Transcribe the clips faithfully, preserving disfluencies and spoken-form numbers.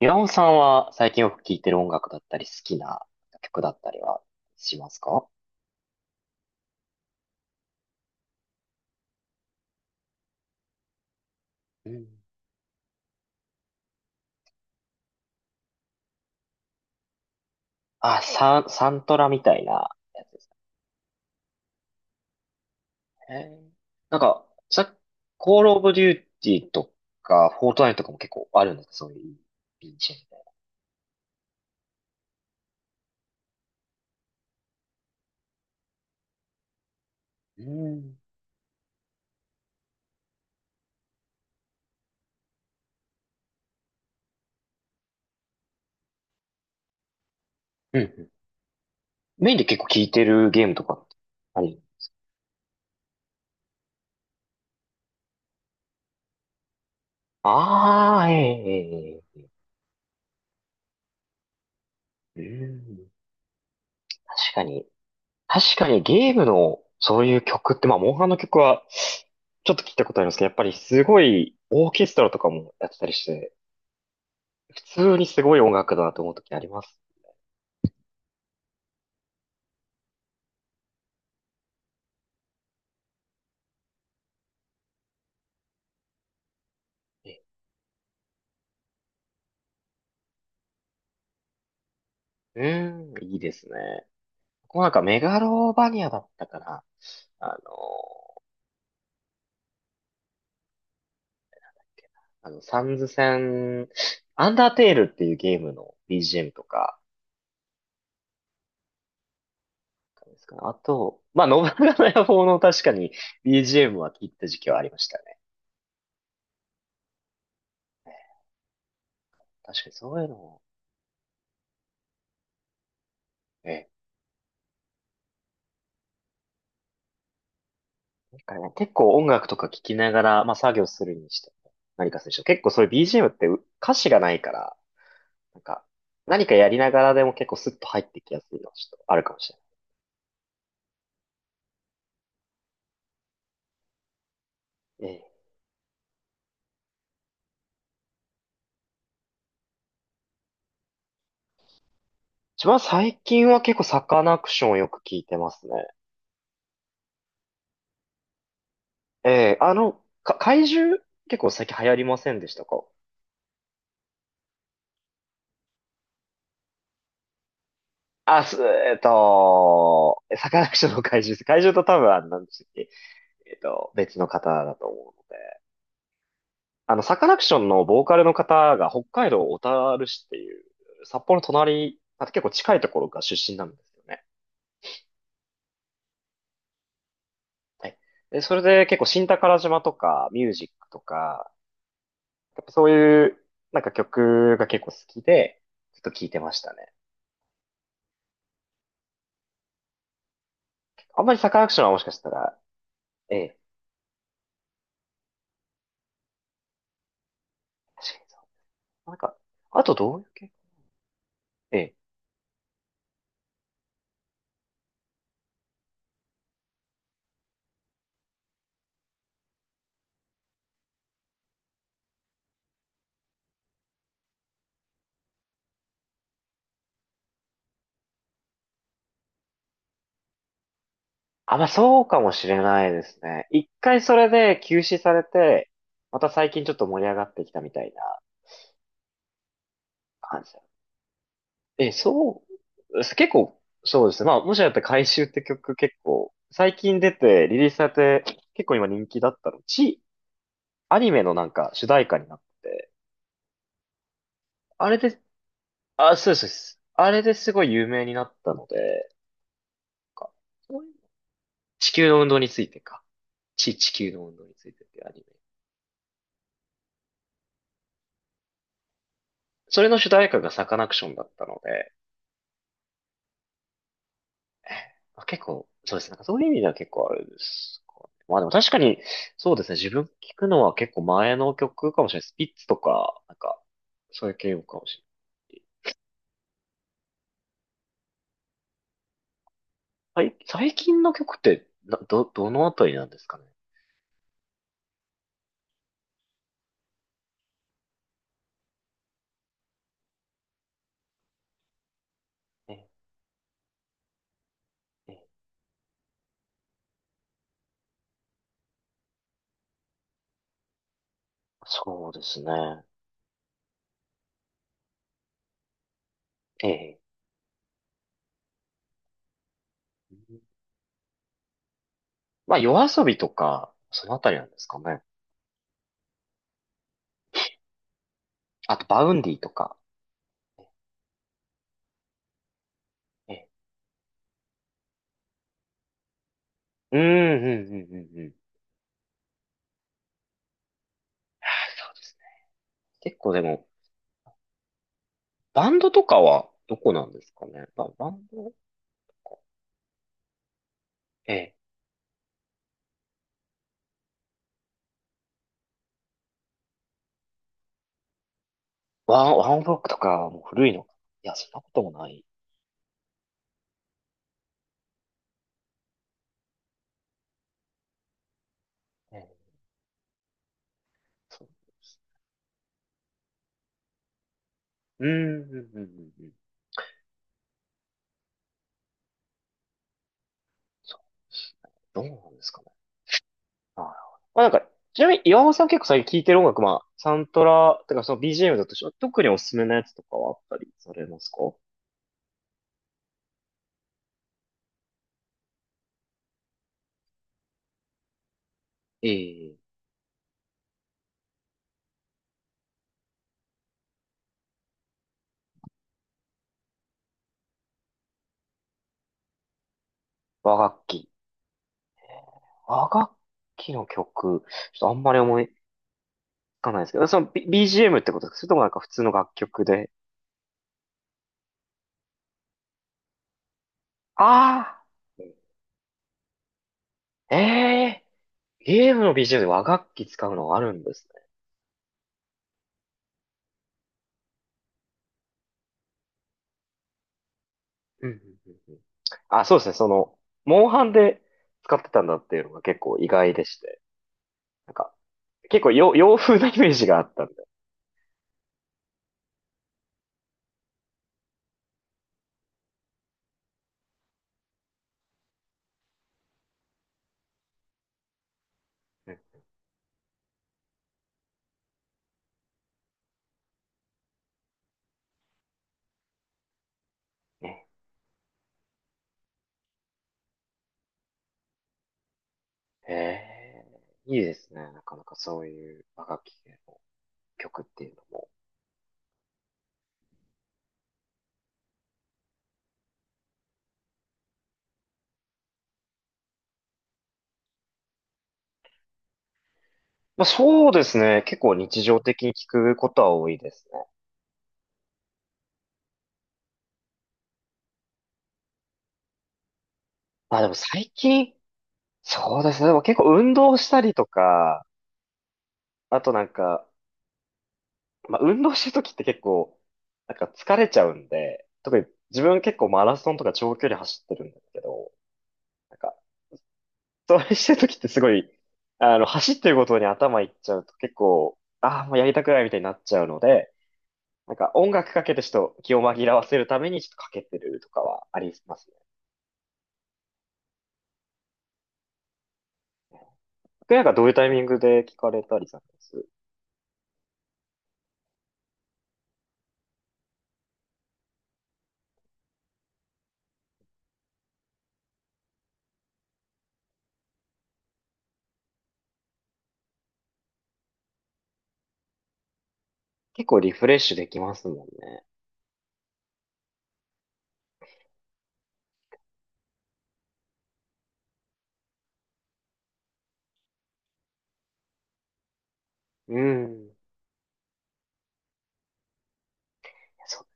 岩尾さんは最近よく聴いてる音楽だったり、好きな曲だったりはしますか？うん。あ、サン、サントラみたいなやつですかね。なんか、さ、コールオブデューティーとか、フォートナイトとかも結構あるんですか？そういうビージーエムみたいな。うん。うんうん。メインで結構聴いてるゲームとかってあり。ああ、ええ、ええ。うん。確かに。確かにゲームのそういう曲って、まあ、モンハンの曲はちょっと聞いたことありますけど、やっぱりすごいオーケストラとかもやってたりして、普通にすごい音楽だなと思う時ありますね。うーん、いいですね。こうなんかメガロバニアだったかな。あの、あの、サンズ戦、アンダーテールっていうゲームの ビージーエム とか、ですかね。あと、まあ、信長の野望の確かに ビージーエム は聞いた時期はありましたね。ね、確かにそういうのも。ええ。だからね、結構音楽とか聞きながら、まあ作業するにしても、何かするにしても、結構そういう ビージーエム ってう歌詞がないから、なんか、何かやりながらでも結構スッと入ってきやすいのはちょっとあるかもしれない。ええ。一番最近は結構サカナクションをよく聞いてますね。ええ、あの、か、怪獣結構最近流行りませんでしたか？あ、す、えっと、サカナクションの怪獣です。怪獣と多分あの、なんでしたっけ？えっと、別の方だと思う。あの、サカナクションのボーカルの方が北海道小樽市っていう、札幌の隣、あ、結構近いところが出身なんですよね。はい。で、それで結構新宝島とかミュージックとか、やっぱそういうなんか曲が結構好きで、ちょっと聴いてましたね。あんまりサカナクションはもしかしたら、ええ、確かにそう。なんか、あとどういう系。ええ。あ、まあそうかもしれないですね。一回それで休止されて、また最近ちょっと盛り上がってきたみたいな感じ。え、そう、結構、そうですね。まあ、もしやったら回収って曲結構、最近出て、リリースされて、結構今人気だったの。ち、アニメのなんか主題歌になって、あれで、あ、そうです、そうです。あれですごい有名になったので、なんかそういう地球の運動についてか。ち、地球の運動についてっていうアニメ。それの主題歌がサカナクションだったので、まあ結構、そうですね。なんかそういう意味では結構あれですかね。まあでも確かに、そうですね。自分聞くのは結構前の曲かもしれない。スピッツとか、なんか、そういう系かもしれない。最最近の曲ってな、ど、どのあたりなんですかね。ええ、ええ。そうですね。ええ。まあ、夜遊びとか、そのあたりなんですかね。あと、バウンディとか。ええ。うん、うん、うん、うん、うん。ああ、そうですね。結構でも、バンドとかはどこなんですかね。まあ、バンド、ええ。ワン、ワンオブロックとかはもう古いのか。いや、そんなこともない。ええ、そうです。うーん、うん、うん、うん。うん。そうですね。どうなんですかね。なるほど。まあなんか、ちなみに岩尾さん結構最近聴いてる音楽、まあ、サントラ、てかその ビージーエム だとして特におすすめのやつとかはあったりされますか？ええ、和楽器。和楽器の曲、ちょっとあんまり思いつかないですけど、その、B、ビージーエム ってことですかそれともなんか普通の楽曲で。ああ、ええ。ゲームのビ ビージーエム で和楽器使うのがあるんですね。うんうんうんうん。あ、そうですね。その、モンハンで使ってたんだっていうのが結構意外でして。なんか、結構洋、洋風なイメージがあったんで。うん。ね。へえ、いいですね。なかなかそういう和楽器系の曲っていうのも。まあそうですね。結構日常的に聞くことは多いですね。まあでも最近、そうですね。でも結構運動したりとか、あとなんか、まあ、運動してる時って結構、なんか疲れちゃうんで、特に自分結構マラソンとか長距離走ってるんですけど、なんか、それしてる時ってすごい、あの、走ってることに頭いっちゃうと結構、ああ、もうやりたくないみたいになっちゃうので、なんか音楽かけてちょっと気を紛らわせるためにちょっとかけてるとかはありますね。僕なんかどういうタイミングで聞かれたりされます？結構リフレッシュできますもんね。うん。そう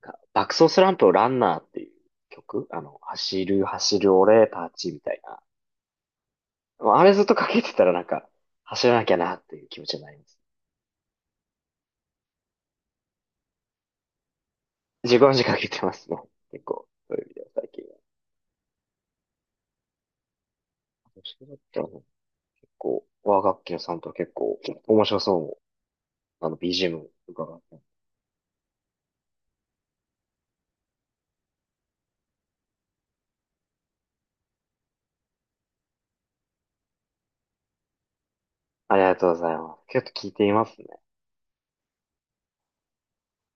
か。爆走スランプをランナーっていう曲あの、走る、走る、俺、パーチみたいな。あれずっとかけてたらなんか、走らなきゃなっていう気持ちになります。自分時間かけてますもん。結構、そういう意味では最近は。そだったらもう結構、和楽器のサウントは結構面白そう。あの、ビージーエム 伺って。ありがとうございます。結構聞いていますね。